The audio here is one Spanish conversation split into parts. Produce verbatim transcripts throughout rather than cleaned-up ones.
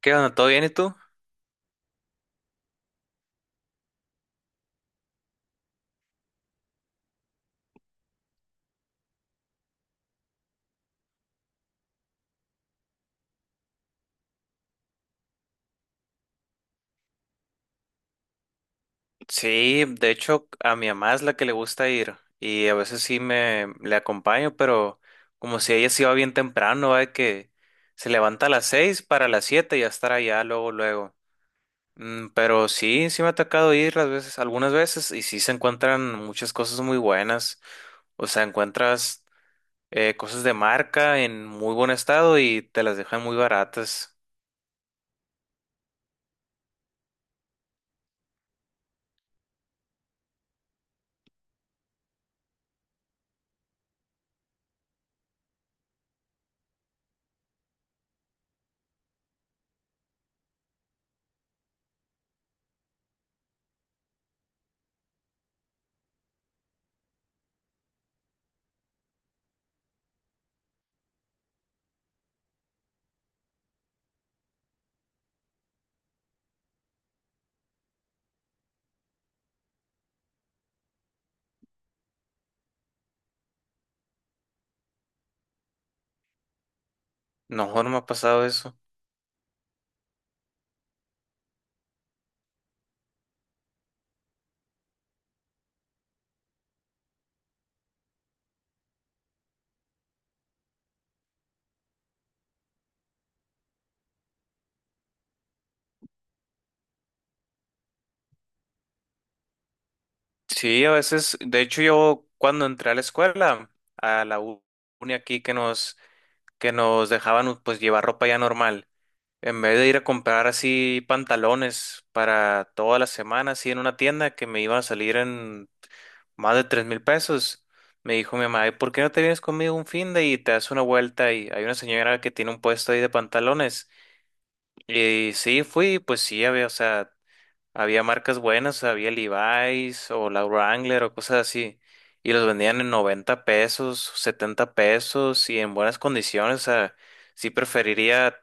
¿Qué onda? ¿Todo bien y tú? Sí, de hecho a mi mamá es la que le gusta ir y a veces sí me le acompaño, pero como si ella se iba bien temprano, ¿va? De Que se levanta a las seis para las siete y ya estar allá luego, luego. Mm, pero sí, sí me ha tocado ir las veces, algunas veces y sí se encuentran muchas cosas muy buenas. O sea, encuentras eh, cosas de marca en muy buen estado y te las dejan muy baratas. No, no me ha pasado eso. Sí, a veces, de hecho yo cuando entré a la escuela, a la u- uni aquí que nos, que nos dejaban pues llevar ropa ya normal, en vez de ir a comprar así pantalones para toda la semana, así en una tienda que me iban a salir en más de tres mil pesos. Me dijo mi mamá, "Ay, ¿por qué no te vienes conmigo un fin de y te das una vuelta? Y hay una señora que tiene un puesto ahí de pantalones". Y sí, fui, pues sí, había, o sea, había marcas buenas, había Levi's o la Wrangler o cosas así. Y los vendían en noventa pesos, setenta pesos y en buenas condiciones. O sea, sí preferiría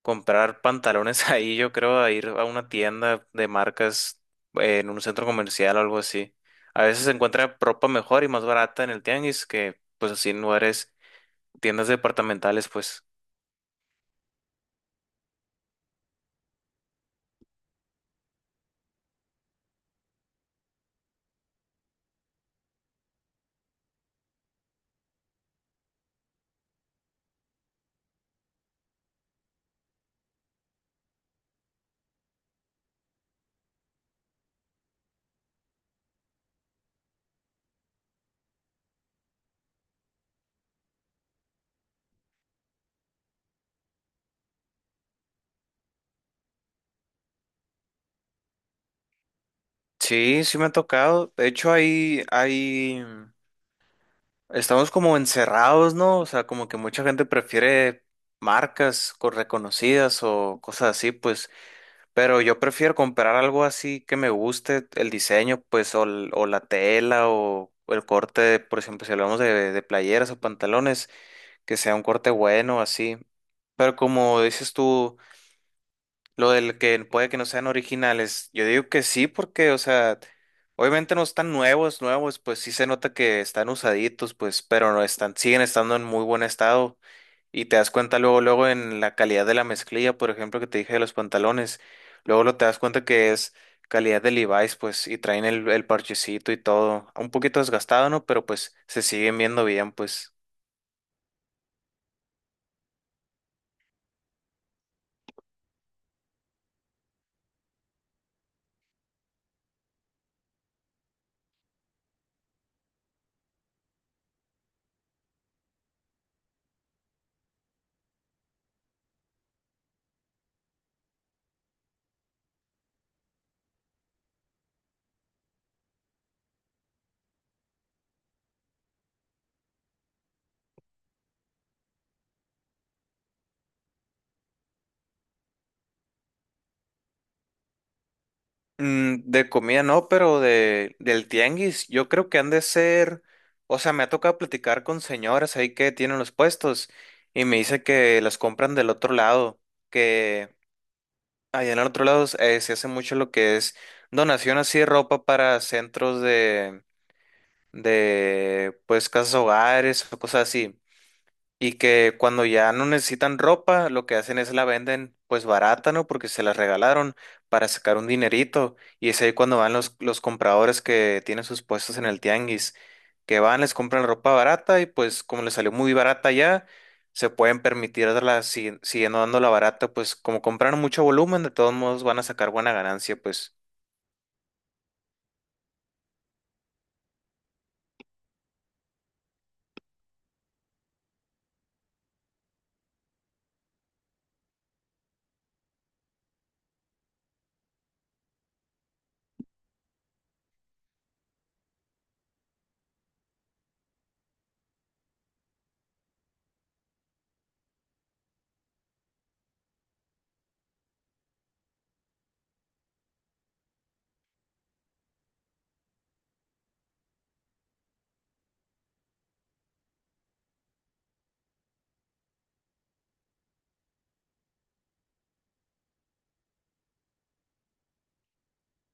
comprar pantalones ahí, yo creo, a ir a una tienda de marcas eh, en un centro comercial o algo así. A veces se encuentra ropa mejor y más barata en el tianguis que pues así en lugares, tiendas departamentales, pues. Sí, sí me ha tocado. De hecho, hay, hay estamos como encerrados, ¿no? O sea, como que mucha gente prefiere marcas co- reconocidas o cosas así, pues, pero yo prefiero comprar algo así que me guste el diseño, pues, o, l- o la tela o, o el corte, por ejemplo, si hablamos de, de playeras o pantalones, que sea un corte bueno, así. Pero como dices tú, lo del que puede que no sean originales, yo digo que sí, porque, o sea, obviamente no están nuevos, nuevos, pues sí se nota que están usaditos, pues, pero no están, siguen estando en muy buen estado. Y te das cuenta luego, luego en la calidad de la mezclilla, por ejemplo, que te dije de los pantalones, luego lo te das cuenta que es calidad de Levi's, pues, y traen el, el parchecito y todo, un poquito desgastado, ¿no? Pero pues se siguen viendo bien, pues. Mm, de comida no, pero de, del tianguis, yo creo que han de ser, o sea, me ha tocado platicar con señoras ahí que tienen los puestos y me dice que las compran del otro lado, que allá en el otro lado eh, se hace mucho lo que es donación así de ropa para centros de, de, pues, casas hogares o cosas así. Y que cuando ya no necesitan ropa, lo que hacen es la venden pues barata, ¿no? Porque se la regalaron para sacar un dinerito. Y es ahí cuando van los, los compradores que tienen sus puestos en el tianguis, que van, les compran ropa barata y pues como les salió muy barata ya, se pueden permitir darla sigui- siguiendo dándola barata, pues como compraron mucho volumen, de todos modos van a sacar buena ganancia, pues.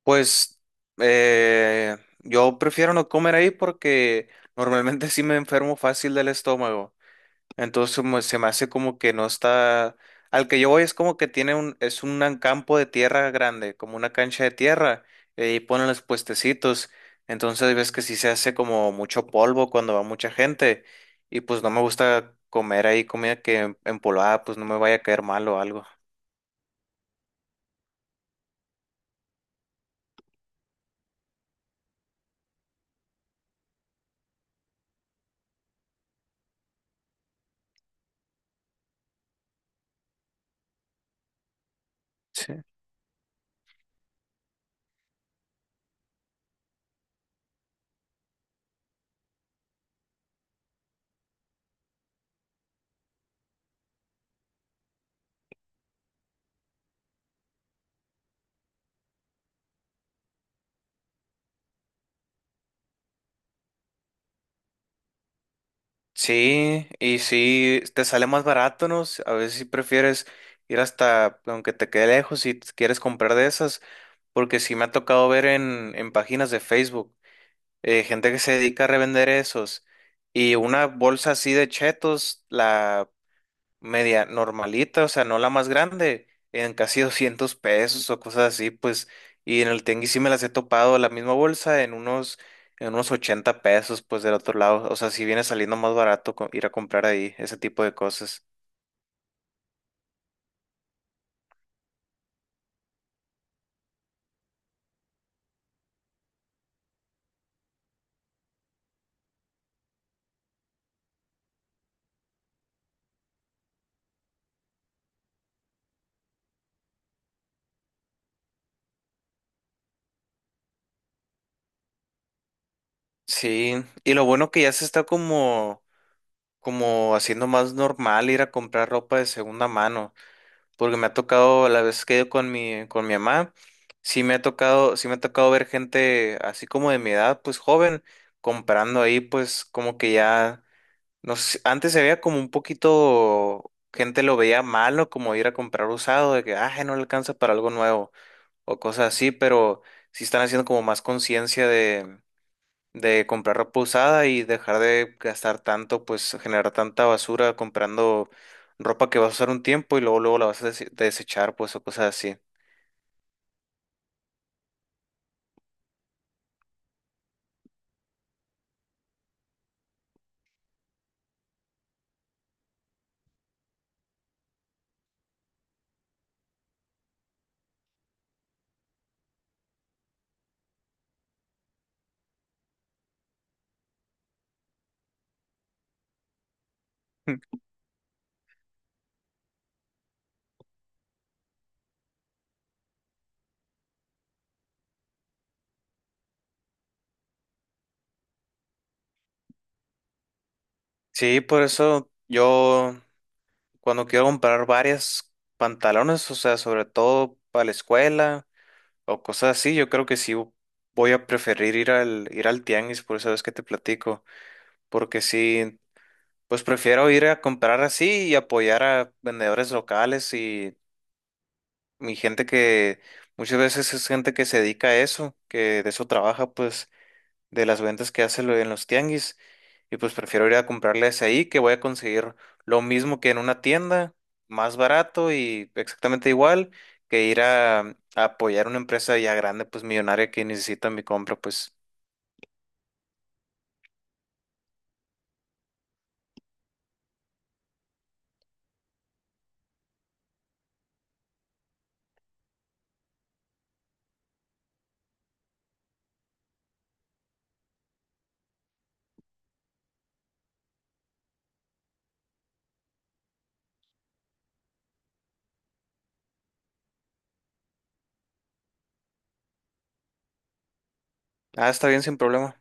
Pues eh, yo prefiero no comer ahí porque normalmente sí me enfermo fácil del estómago. Entonces como se me hace como que no está. Al que yo voy es como que tiene un, es un an- campo de tierra grande, como una cancha de tierra, eh, y ponen los puestecitos. Entonces ves que sí se hace como mucho polvo cuando va mucha gente. Y pues no me gusta comer ahí comida que em, empolvada, pues no me vaya a caer mal o algo. Sí. Sí, y sí, te sale más barato, ¿no? A veces si prefieres ir hasta, aunque te quede lejos, si quieres comprar de esas, porque sí me ha tocado ver en, en páginas de Facebook eh, gente que se dedica a revender esos. Y una bolsa así de chetos, la media normalita, o sea, no la más grande, en casi doscientos pesos o cosas así, pues. Y en el tianguis sí me las he topado, la misma bolsa, en unos, en unos ochenta pesos, pues del otro lado. O sea, sí viene saliendo más barato co- ir a comprar ahí ese tipo de cosas. Sí, y lo bueno que ya se está como, como haciendo más normal ir a comprar ropa de segunda mano, porque me ha tocado, la vez que he ido con mi, con mi mamá, sí me ha tocado, sí me ha tocado ver gente así como de mi edad, pues joven, comprando ahí, pues como que ya, no sé, antes se veía como un poquito, gente lo veía malo, como ir a comprar usado, de que, ah, no le alcanza para algo nuevo, o cosas así, pero sí están haciendo como más conciencia de comprar ropa usada y dejar de gastar tanto, pues generar tanta basura comprando ropa que vas a usar un tiempo y luego luego la vas a des- desechar, pues o cosas así. Sí, por eso yo cuando quiero comprar varias pantalones, o sea, sobre todo para la escuela o cosas así, yo creo que sí voy a preferir ir al ir al tianguis, por eso es que te platico, porque sí, pues prefiero ir a comprar así y apoyar a vendedores locales. Mi gente que muchas veces es gente que se dedica a eso, que de eso trabaja, pues, de las ventas que hace lo- en los tianguis. Y pues prefiero ir a comprarles ahí, que voy a conseguir lo mismo que en una tienda, más barato y exactamente igual, que ir a, a apoyar una empresa ya grande, pues millonaria que necesita mi compra, pues. Ah, está bien, sin problema.